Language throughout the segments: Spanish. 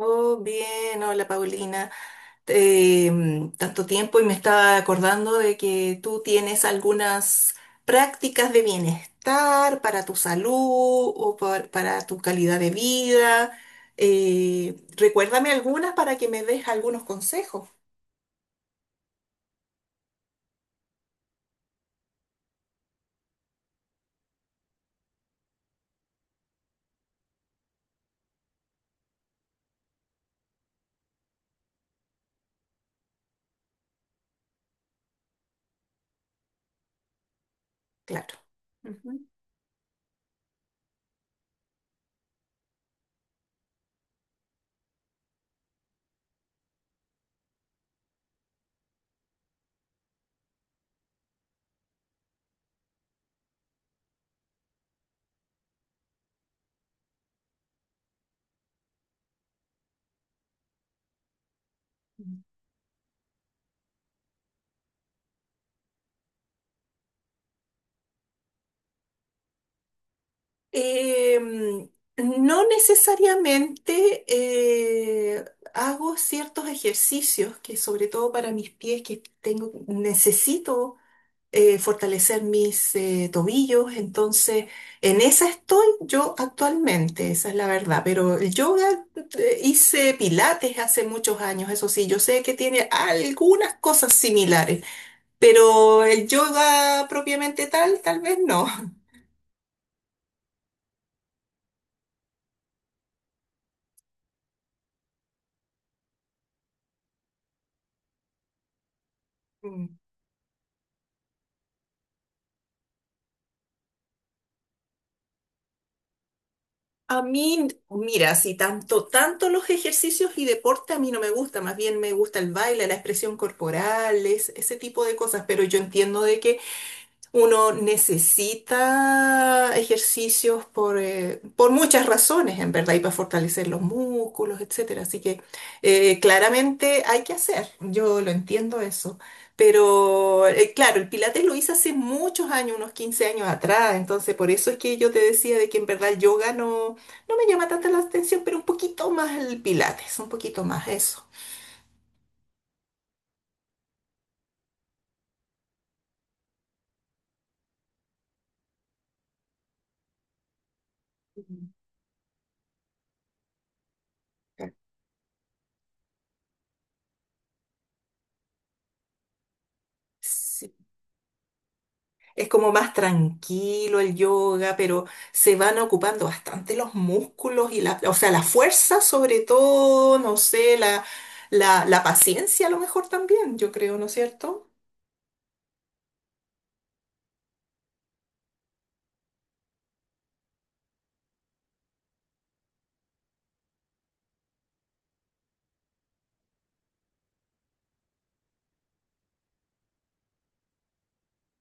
Oh, bien, hola Paulina. Eh, Tanto tiempo y me estaba acordando de que tú tienes algunas prácticas de bienestar para tu salud para tu calidad de vida. Recuérdame algunas para que me des algunos consejos, claro. Ujú. Eh, no necesariamente, hago ciertos ejercicios que sobre todo para mis pies que tengo, necesito fortalecer mis tobillos. Entonces, en esa estoy yo actualmente, esa es la verdad. Pero el yoga, hice pilates hace muchos años, eso sí, yo sé que tiene algunas cosas similares, pero el yoga propiamente tal, tal vez no. Mm. A mí, mira, si tanto los ejercicios y deporte a mí no me gusta, más bien me gusta el baile, la expresión corporal, ese tipo de cosas, pero yo entiendo de que uno necesita ejercicios por muchas razones, en verdad, y para fortalecer los músculos, etcétera. Así que claramente hay que hacer, yo lo entiendo eso. Pero claro, el Pilates lo hice hace muchos años, unos 15 años atrás, entonces por eso es que yo te decía de que en verdad el yoga no, no me llama tanta la atención, pero un poquito más el Pilates, un poquito más eso. Ujú. Sí. Es como más tranquilo el yoga, pero se van ocupando bastante los músculos y o sea, la fuerza sobre todo, no sé, la paciencia a lo mejor también, yo creo, ¿no es cierto?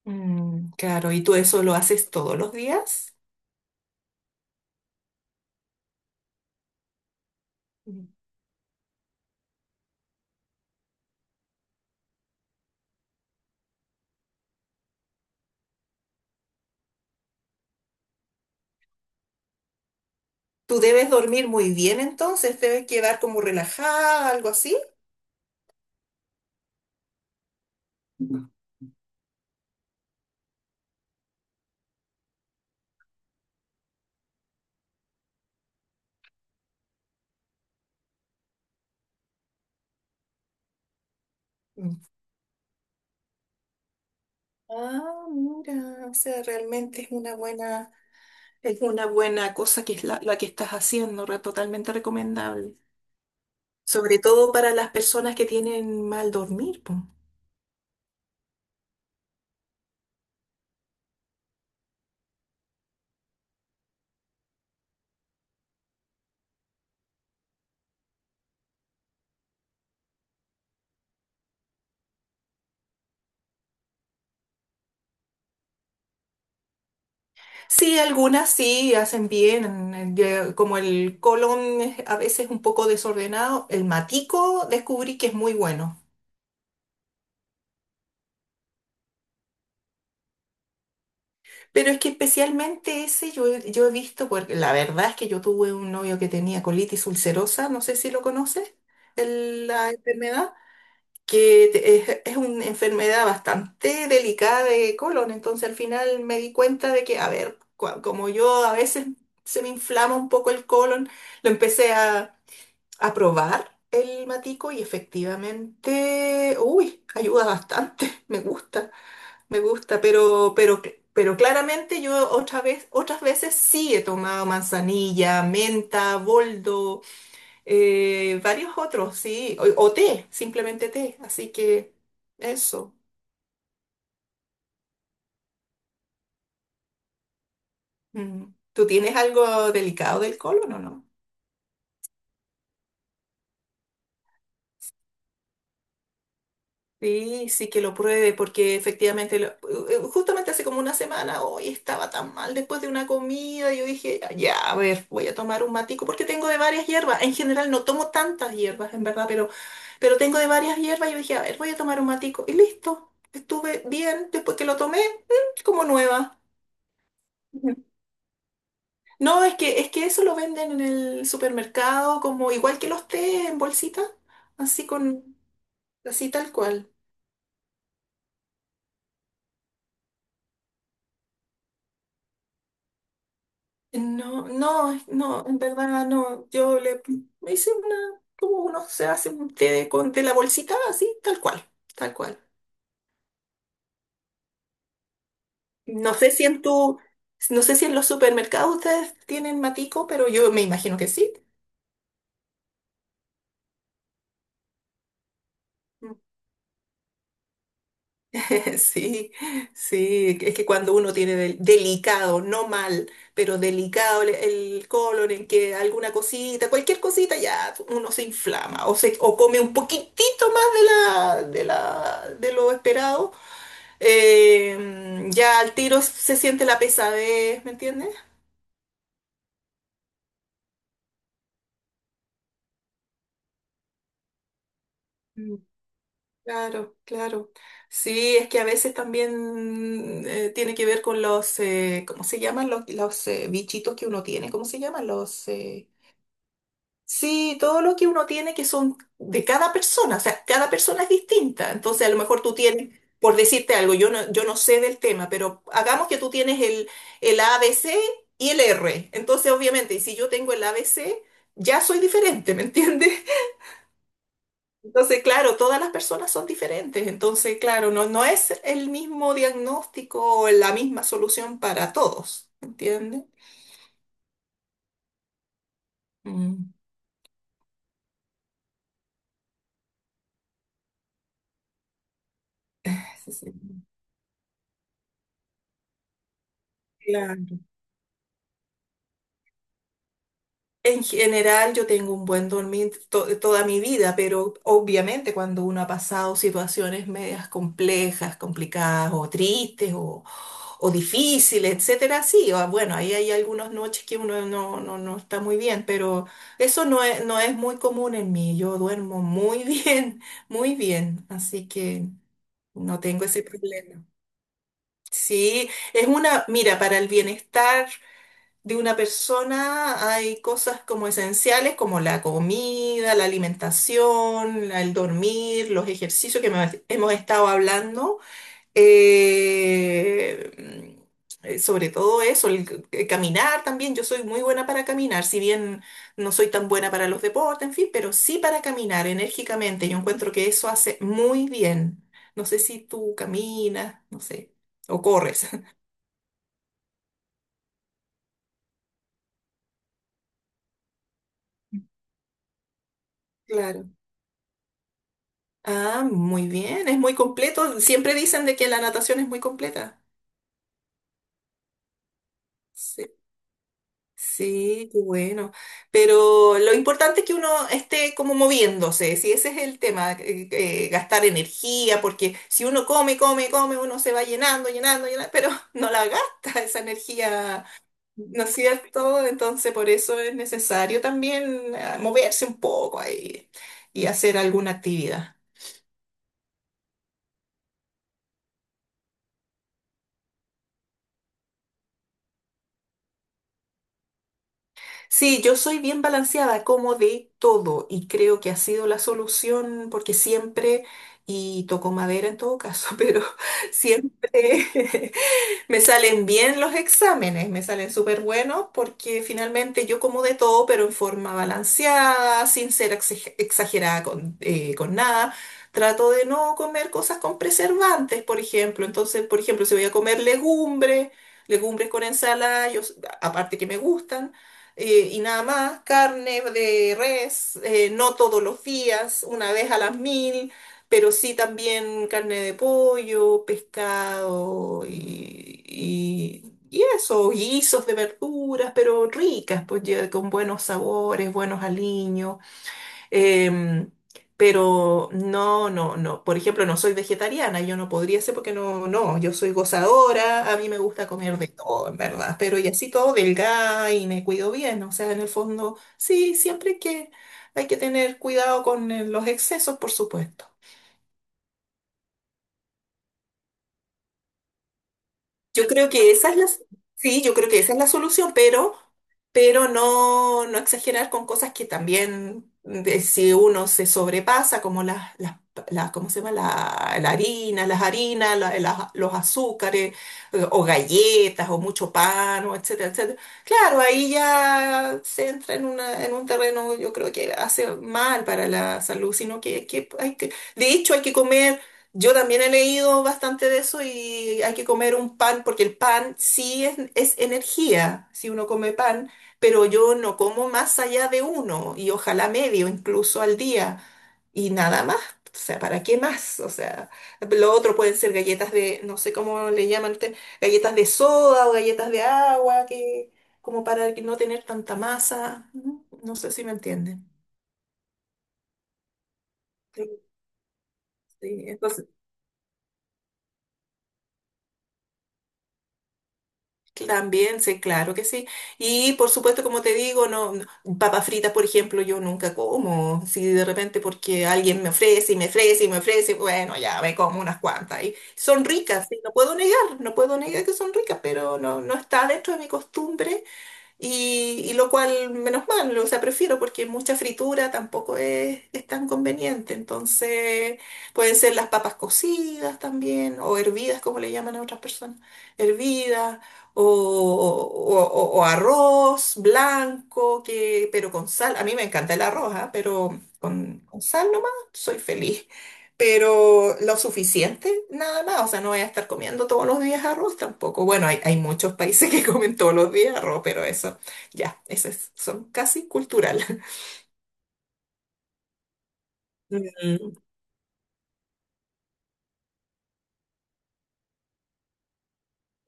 Mm, claro, y tú eso lo haces todos los días. Mm. Tú debes dormir muy bien entonces, debes quedar como relajada, algo así. Mm. Ah, mira, o sea, realmente es una buena cosa que es la que estás haciendo, totalmente recomendable. Sobre todo para las personas que tienen mal dormir, po. Sí, algunas sí hacen bien, como el colon es a veces un poco desordenado, el matico descubrí que es muy bueno. Pero es que especialmente ese yo he visto, porque la verdad es que yo tuve un novio que tenía colitis ulcerosa, no sé si lo conoces, la enfermedad. Es una enfermedad bastante delicada de colon, entonces al final me di cuenta de que, a ver, como yo a veces se me inflama un poco el colon, lo empecé a, a probar el matico y efectivamente, uy, ayuda bastante. Me gusta, pero claramente yo otras veces sí he tomado manzanilla, menta, boldo. Varios otros, sí, o té, simplemente té, así que eso. Mm. ¿Tú tienes algo delicado del colon o no? Sí, sí que lo pruebe, porque efectivamente, justamente hace como una semana, hoy estaba tan mal después de una comida, yo dije, ya, a ver, voy a tomar un matico, porque tengo de varias hierbas, en general no tomo tantas hierbas, en verdad, pero tengo de varias hierbas, y yo dije, a ver, voy a tomar un matico, y listo, estuve bien, después que lo tomé, mm, como nueva. No, es que eso lo venden en el supermercado, como igual que los té en bolsita, así con, así tal cual. No, no, no, en verdad no. Yo le Me hice una, como uno se hace un té de la bolsita, así, tal cual, tal cual. No sé si en tu, no sé si en los supermercados ustedes tienen matico, pero yo me imagino que sí. Sí, sí, es que cuando uno tiene delicado, no mal, pero delicado el colon, en que alguna cosita, cualquier cosita, ya uno se inflama o come un poquitito más de lo esperado, ya al tiro se siente la pesadez, ¿me entiendes? Mm. Claro, claro. Sí, es que a veces también tiene que ver con ¿cómo se llaman los bichitos que uno tiene? ¿Cómo se llaman los...? Sí, todo lo que uno tiene que son de cada persona, o sea, cada persona es distinta. Entonces, a lo mejor tú tienes, por decirte algo, yo no sé del tema, pero hagamos que tú tienes el ABC y el R. Entonces, obviamente, si yo tengo el ABC, ya soy diferente, ¿me entiendes? Entonces, claro, todas las personas son diferentes. Entonces, claro, no es el mismo diagnóstico o la misma solución para todos, ¿me entiendes? Mm. Sí, sí. Claro. En general, yo tengo un buen dormir toda mi vida, pero obviamente cuando uno ha pasado situaciones medias complejas, complicadas o tristes o difíciles, etcétera, sí, bueno, ahí hay algunas noches que uno no está muy bien, pero eso no es muy común en mí. Yo duermo muy bien, muy bien, así que no tengo ese problema. Sí, es una, mira, para el bienestar de una persona hay cosas como esenciales como la comida, la alimentación, el dormir, los ejercicios que hemos estado hablando. eh, Sobre todo eso, caminar también. Yo soy muy buena para caminar, si bien no soy tan buena para los deportes, en fin, pero sí para caminar enérgicamente. Yo encuentro que eso hace muy bien. No sé si tú caminas, no sé, o corres. Claro. Ah, muy bien, es muy completo. Siempre dicen de que la natación es muy completa. Sí, sí, qué bueno. Pero lo importante es que uno esté como moviéndose, si ese es el tema, gastar energía, porque si uno come, uno se va llenando, pero no la gasta esa energía, ¿no es cierto? Entonces por eso es necesario también moverse un poco ahí y hacer alguna actividad. Sí, yo soy bien balanceada, como de todo, y creo que ha sido la solución porque siempre, y toco madera en todo caso, pero siempre me salen bien los exámenes, me salen súper buenos porque finalmente yo como de todo, pero en forma balanceada, sin ser exagerada con nada. Trato de no comer cosas con preservantes, por ejemplo. Entonces, por ejemplo, si voy a comer legumbres con ensalada, yo, aparte que me gustan y nada más, carne de res, no todos los días, una vez a las mil, pero sí también carne de pollo, pescado y eso, guisos de verduras, pero ricas, pues ya con buenos sabores, buenos aliños. Em, pero no, no, no. Por ejemplo, no soy vegetariana, yo no podría ser porque no, no, yo soy gozadora, a mí me gusta comer de todo, en verdad, pero y así todo delgada y me cuido bien, o sea, en el fondo, sí, siempre que hay que tener cuidado con los excesos, por supuesto. Yo creo que esa es la, sí, yo creo que esa es la solución, pero no, no exagerar con cosas que también, si uno se sobrepasa, como ¿cómo se llama? La harina, las harinas, los azúcares, o galletas, o mucho pan, o etcétera, etcétera. Claro, ahí ya se entra en un terreno, yo creo que hace mal para la salud, sino que hay que, de hecho, hay que comer. Yo también he leído bastante de eso y hay que comer un pan, porque el pan sí es energía, si uno come pan, pero yo no como más allá de uno y ojalá medio incluso al día y nada más. O sea, ¿para qué más? O sea, lo otro pueden ser galletas de, no sé cómo le llaman ustedes, galletas de soda o galletas de agua, que como para que no tener tanta masa. No, no sé si me entienden. Sí, sí. Entonces, también, sí, claro que sí. Y por supuesto, como te digo, papas fritas, por ejemplo, yo nunca como. Si de repente porque alguien me ofrece y me ofrece y me ofrece, bueno, ya me como unas cuantas. Y son ricas, sí, no puedo negar, no puedo negar que son ricas, pero no, no está dentro de mi costumbre y lo cual, menos mal, o sea, prefiero porque mucha fritura tampoco es tan conveniente. Entonces, pueden ser las papas cocidas también, o hervidas, como le llaman a otras personas, hervidas, o arroz blanco, que, pero con sal. A mí me encanta el arroz, ¿ah? Pero con sal nomás soy feliz pero lo suficiente nada más, o sea, no voy a estar comiendo todos los días arroz tampoco. Bueno, hay muchos países que comen todos los días arroz, pero eso, ya, son casi cultural. Mm,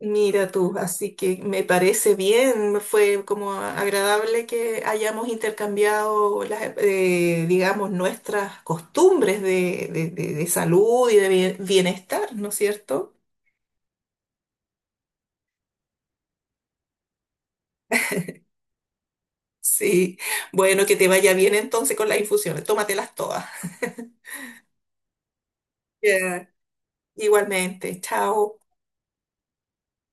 mira tú, así que me parece bien, fue como agradable que hayamos intercambiado las, digamos, nuestras costumbres de, de salud y de bienestar, ¿no es cierto? Sí, bueno, que te vaya bien entonces con las infusiones, tómatelas todas. Ya. Igualmente, chao.